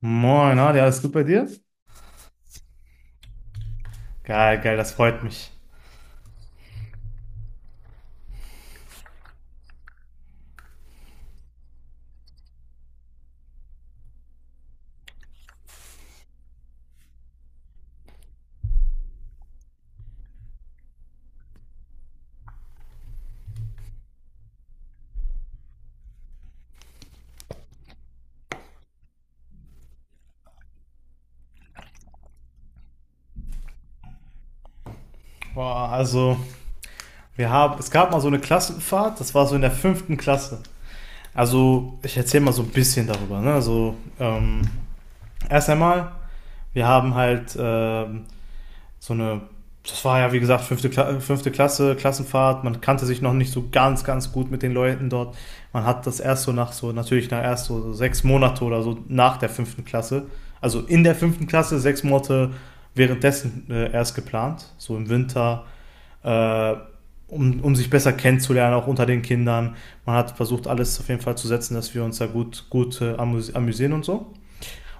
Moin, na, ja, alles gut bei dir? Geil, geil, das freut mich. Boah, also, es gab mal so eine Klassenfahrt, das war so in der fünften Klasse. Also, ich erzähle mal so ein bisschen darüber, ne? Also, erst einmal, wir haben halt so eine, das war ja wie gesagt fünfte Klasse, Klassenfahrt, man kannte sich noch nicht so ganz, ganz gut mit den Leuten dort. Man hat das erst so natürlich nach erst so 6 Monate oder so nach der fünften Klasse, also in der fünften Klasse, 6 Monate währenddessen erst geplant, so im Winter, äh, um sich besser kennenzulernen, auch unter den Kindern. Man hat versucht, alles auf jeden Fall zu setzen, dass wir uns da gut, gut amüsieren und so.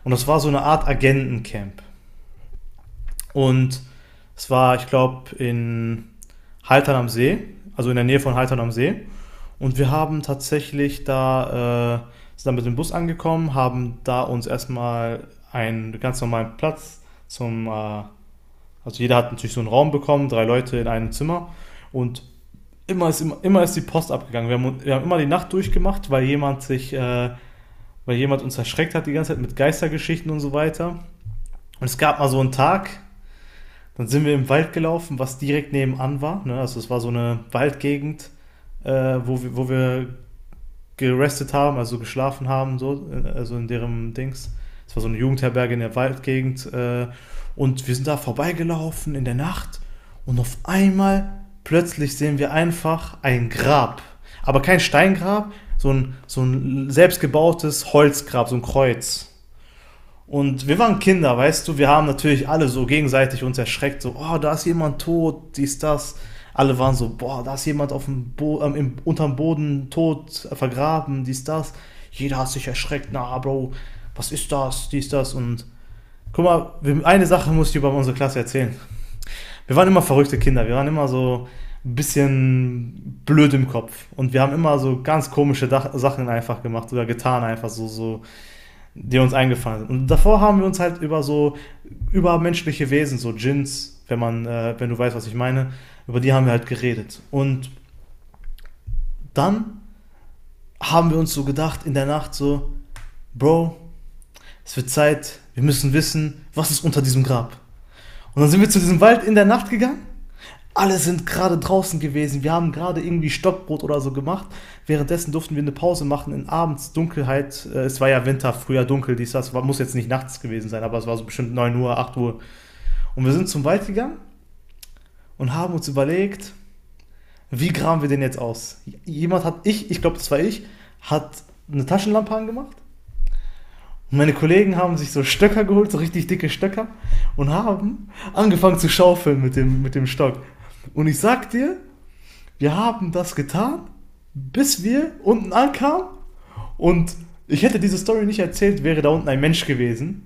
Und das war so eine Art Agentencamp. Und es war, ich glaube, in Haltern am See, also in der Nähe von Haltern am See. Und wir haben tatsächlich da, sind dann mit dem Bus angekommen, haben da uns erstmal einen ganz normalen Platz zum, äh, also jeder hat natürlich so einen Raum bekommen, drei Leute in einem Zimmer. Und immer ist die Post abgegangen. Wir haben immer die Nacht durchgemacht, weil jemand uns erschreckt hat die ganze Zeit mit Geistergeschichten und so weiter. Und es gab mal so einen Tag, dann sind wir im Wald gelaufen, was direkt nebenan war. Ne? Also es war so eine Waldgegend, wo wir gerestet haben, also geschlafen haben, so, also in deren Dings. Es war so eine Jugendherberge in der Waldgegend. Und wir sind da vorbeigelaufen in der Nacht und auf einmal plötzlich sehen wir einfach ein Grab. Aber kein Steingrab, so ein selbstgebautes Holzgrab, so ein Kreuz. Und wir waren Kinder, weißt du, wir haben natürlich alle so gegenseitig uns erschreckt, so, oh, da ist jemand tot, dies, das. Alle waren so, boah, da ist jemand auf dem Bo im, unterm Boden tot, vergraben, dies, das. Jeder hat sich erschreckt, na, Bro, was ist das, dies, das. Und guck mal, wir, eine Sache muss ich über unsere Klasse erzählen. Wir waren immer verrückte Kinder, wir waren immer so ein bisschen blöd im Kopf. Und wir haben immer so ganz komische Dach Sachen einfach gemacht oder getan, einfach so, so die uns eingefallen sind. Und davor haben wir uns halt über so übermenschliche Wesen, so Djinns, wenn du weißt, was ich meine, über die haben wir halt geredet. Und dann haben wir uns so gedacht in der Nacht so, Bro, es wird Zeit, wir müssen wissen, was ist unter diesem Grab. Und dann sind wir zu diesem Wald in der Nacht gegangen. Alle sind gerade draußen gewesen. Wir haben gerade irgendwie Stockbrot oder so gemacht. Währenddessen durften wir eine Pause machen in abends Dunkelheit. Es war ja Winter, früher dunkel, dies, das. Muss jetzt nicht nachts gewesen sein, aber es war so bestimmt 9 Uhr, 8 Uhr. Und wir sind zum Wald gegangen und haben uns überlegt, wie graben wir den jetzt aus? Jemand hat, ich glaube, das war ich, hat eine Taschenlampe angemacht. Und meine Kollegen haben sich so Stöcker geholt, so richtig dicke Stöcker, und haben angefangen zu schaufeln mit dem Stock. Und ich sag dir, wir haben das getan, bis wir unten ankamen. Und ich hätte diese Story nicht erzählt, wäre da unten ein Mensch gewesen.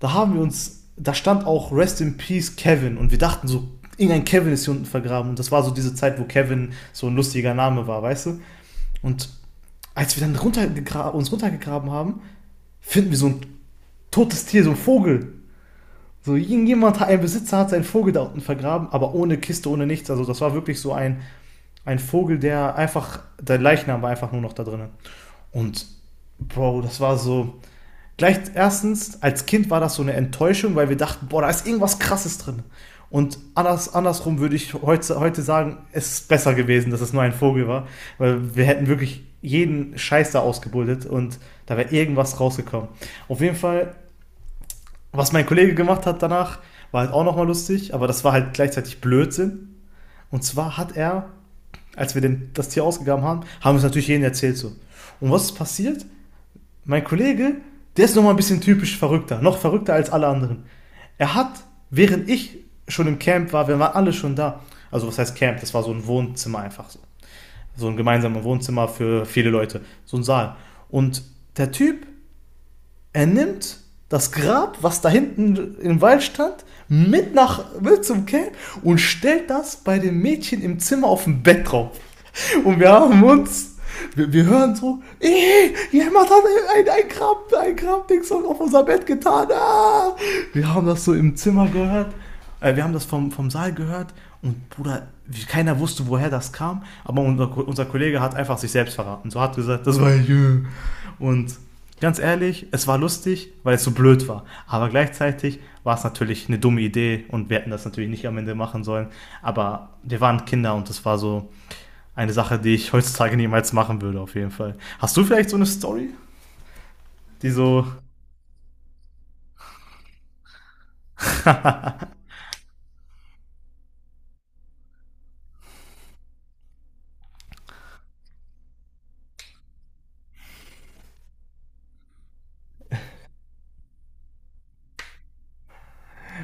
Da haben wir uns, da stand auch Rest in Peace Kevin und wir dachten so, irgendein Kevin ist hier unten vergraben. Und das war so diese Zeit, wo Kevin so ein lustiger Name war, weißt du? Und als wir dann runtergegra uns runtergegraben haben, finden wir so ein totes Tier, so ein Vogel. So irgendjemand, ein Besitzer hat seinen Vogel da unten vergraben, aber ohne Kiste, ohne nichts. Also das war wirklich so ein Vogel, der einfach, der Leichnam war einfach nur noch da drinnen. Und Bro, das war so, gleich erstens, als Kind war das so eine Enttäuschung, weil wir dachten, boah, da ist irgendwas Krasses drin. Und andersrum würde ich heute sagen, es ist besser gewesen, dass es nur ein Vogel war, weil wir hätten wirklich jeden Scheiß da ausgebuddelt und da wäre irgendwas rausgekommen. Auf jeden Fall, was mein Kollege gemacht hat danach, war halt auch nochmal lustig, aber das war halt gleichzeitig Blödsinn. Und zwar hat er, als wir das Tier ausgegraben haben, haben wir es natürlich jedem erzählt so. Und was ist passiert? Mein Kollege, der ist nochmal ein bisschen typisch verrückter, noch verrückter als alle anderen. Er hat, während ich schon im Camp war, wir waren alle schon da. Also was heißt Camp? Das war so ein Wohnzimmer einfach so. So ein gemeinsames Wohnzimmer für viele Leute, so ein Saal. Und der Typ, er nimmt das Grab, was da hinten im Wald stand, mit nach mit zum Camp und stellt das bei dem Mädchen im Zimmer auf dem Bett drauf. Und wir haben uns, wir hören so: "Ey, jemand hat ein Grabding auf unser Bett getan. Ah! Wir haben das so im Zimmer gehört. Wir haben das vom Saal gehört und Bruder, keiner wusste, woher das kam, aber unser Kollege hat einfach sich selbst verraten. So hat gesagt, das war ich. Und ganz ehrlich, es war lustig, weil es so blöd war. Aber gleichzeitig war es natürlich eine dumme Idee und wir hätten das natürlich nicht am Ende machen sollen. Aber wir waren Kinder und das war so eine Sache, die ich heutzutage niemals machen würde, auf jeden Fall. Hast du vielleicht so eine Story, die so,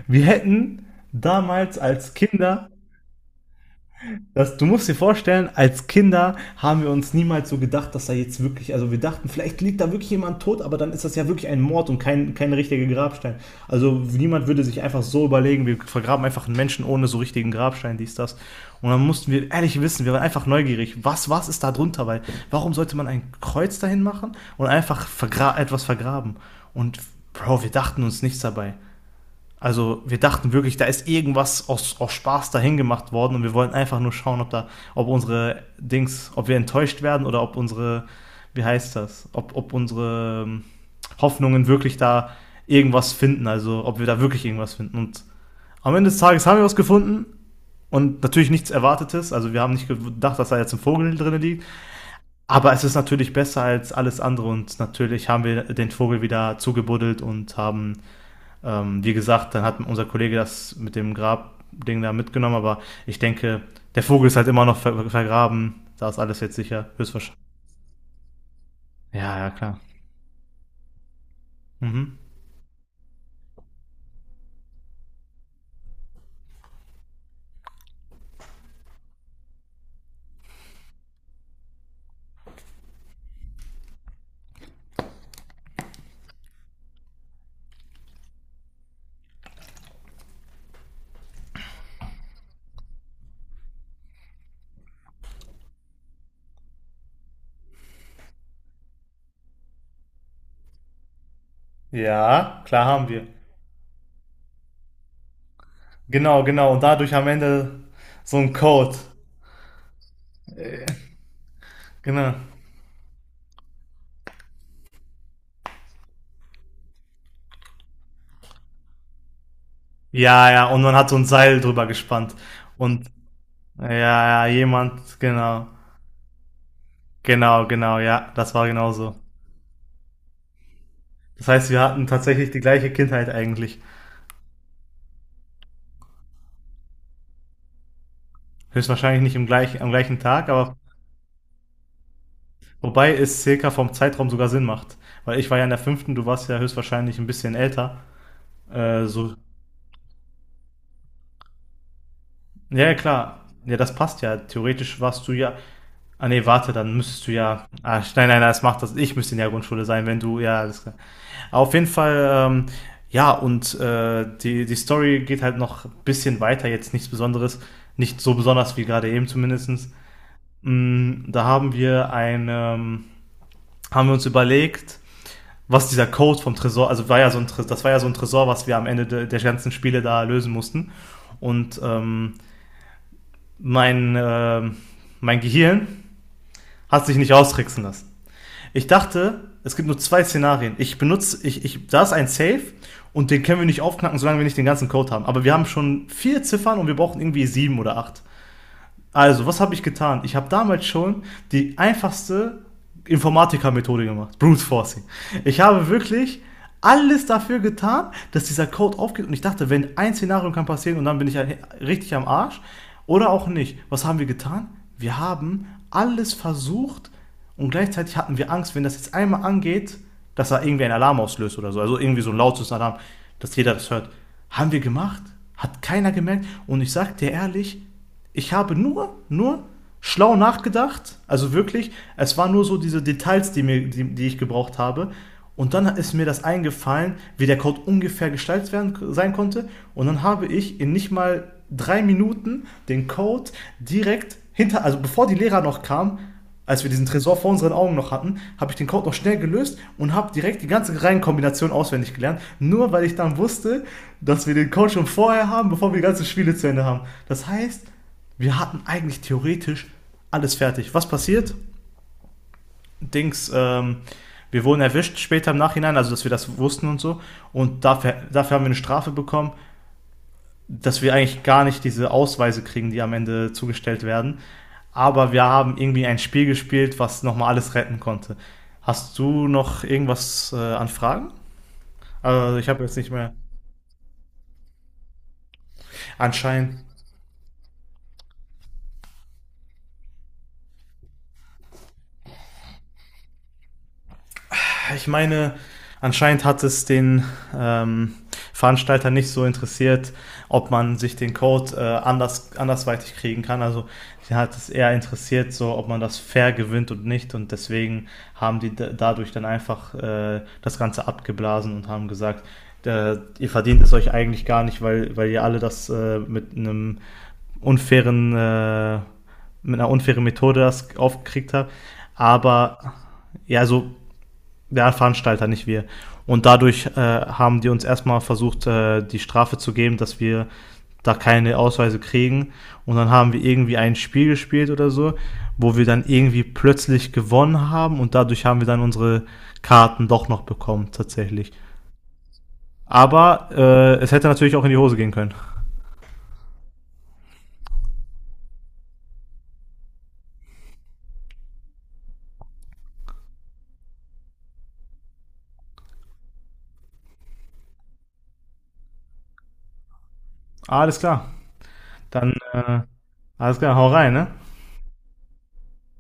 wir hätten damals als Kinder. Das, du musst dir vorstellen, als Kinder haben wir uns niemals so gedacht, dass da jetzt wirklich, also wir dachten, vielleicht liegt da wirklich jemand tot, aber dann ist das ja wirklich ein Mord und kein richtiger Grabstein. Also niemand würde sich einfach so überlegen, wir vergraben einfach einen Menschen ohne so richtigen Grabstein, dies, das. Und dann mussten wir ehrlich wissen, wir waren einfach neugierig, was ist da drunter, weil warum sollte man ein Kreuz dahin machen und einfach vergra etwas vergraben? Und Bro, wir dachten uns nichts dabei. Also wir dachten wirklich, da ist irgendwas aus Spaß dahin gemacht worden und wir wollten einfach nur schauen, ob unsere Dings, ob wir enttäuscht werden oder ob unsere, wie heißt das, ob unsere Hoffnungen wirklich da irgendwas finden, also ob wir da wirklich irgendwas finden. Und am Ende des Tages haben wir was gefunden und natürlich nichts Erwartetes. Also wir haben nicht gedacht, dass da jetzt ein Vogel drin liegt. Aber es ist natürlich besser als alles andere und natürlich haben wir den Vogel wieder zugebuddelt und haben wie gesagt, dann hat unser Kollege das mit dem Grabding da mitgenommen, aber ich denke, der Vogel ist halt immer noch vergraben. Da ist alles jetzt sicher, höchstwahrscheinlich. Ja, ja, klar. Mhm. Ja, klar haben wir. Genau, genau. Und dadurch am Ende so ein Code. Genau. Ja, ja. Und man hat so ein Seil drüber gespannt. Und ja, ja, jemand, genau. Genau, genau, ja, das war genauso. Das heißt, wir hatten tatsächlich die gleiche Kindheit eigentlich. Höchstwahrscheinlich nicht im gleichen, am gleichen Tag, aber wobei es circa vom Zeitraum sogar Sinn macht. Weil ich war ja in der fünften, du warst ja höchstwahrscheinlich ein bisschen älter. So. Ja, ja, klar. Ja, das passt ja. Theoretisch warst du ja. Ah nee, warte, dann müsstest du ja. Ah, nein, nein, das macht das. Ich müsste in der Grundschule sein, wenn du. Ja, alles klar. Auf jeden Fall, ja, und die Story geht halt noch ein bisschen weiter, jetzt nichts Besonderes. Nicht so besonders wie gerade eben zumindestens. Mm, da haben haben wir uns überlegt, was dieser Code vom Tresor, also war ja so ein Tresor, das war ja so ein Tresor, was wir am Ende de, der ganzen Spiele da lösen mussten. Und mein, äh, mein Gehirn hat sich nicht austricksen lassen. Ich dachte, es gibt nur zwei Szenarien. Ich benutze, ich, da ist ein Safe und den können wir nicht aufknacken, solange wir nicht den ganzen Code haben. Aber wir haben schon vier Ziffern und wir brauchen irgendwie sieben oder acht. Also, was habe ich getan? Ich habe damals schon die einfachste Informatiker-Methode gemacht, Brute Forcing. Ich habe wirklich alles dafür getan, dass dieser Code aufgeht und ich dachte, wenn ein Szenario kann passieren und dann bin ich ja richtig am Arsch oder auch nicht. Was haben wir getan? Wir haben alles versucht und gleichzeitig hatten wir Angst, wenn das jetzt einmal angeht, dass da irgendwie ein Alarm auslöst oder so, also irgendwie so ein lautes Alarm, dass jeder das hört. Haben wir gemacht? Hat keiner gemerkt und ich sag dir ehrlich, ich habe nur schlau nachgedacht. Also wirklich, es waren nur so diese Details, die ich gebraucht habe. Und dann ist mir das eingefallen, wie der Code ungefähr gestaltet werden, sein konnte. Und dann habe ich in nicht mal 3 Minuten den Code direkt hinter, also bevor die Lehrer noch kamen, als wir diesen Tresor vor unseren Augen noch hatten, habe ich den Code noch schnell gelöst und habe direkt die ganze Reihenkombination auswendig gelernt, nur weil ich dann wusste, dass wir den Code schon vorher haben, bevor wir die ganzen Spiele zu Ende haben. Das heißt, wir hatten eigentlich theoretisch alles fertig. Was passiert? Dings, wir wurden erwischt später im Nachhinein, also dass wir das wussten und so. Und dafür haben wir eine Strafe bekommen, dass wir eigentlich gar nicht diese Ausweise kriegen, die am Ende zugestellt werden. Aber wir haben irgendwie ein Spiel gespielt, was nochmal alles retten konnte. Hast du noch irgendwas an Fragen? Also ich habe jetzt nicht mehr. Anscheinend, ja, ich meine, anscheinend hat es den ähm, Veranstalter nicht so interessiert, ob man sich den Code andersweitig kriegen kann. Also sie hat es eher interessiert, so ob man das fair gewinnt und nicht. Und deswegen haben die dadurch dann einfach das Ganze abgeblasen und haben gesagt, ihr verdient es euch eigentlich gar nicht, weil, ihr alle das mit einem unfairen, äh, mit einer unfairen Methode das aufgekriegt habt. Aber ja, so der Veranstalter, nicht wir. Und dadurch haben die uns erstmal versucht, die Strafe zu geben, dass wir da keine Ausweise kriegen. Und dann haben wir irgendwie ein Spiel gespielt oder so, wo wir dann irgendwie plötzlich gewonnen haben und dadurch haben wir dann unsere Karten doch noch bekommen, tatsächlich. Aber es hätte natürlich auch in die Hose gehen können. Alles klar. Dann, alles klar, hau rein, ne?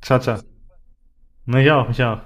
Ciao, ciao. Mich auch, mich auch.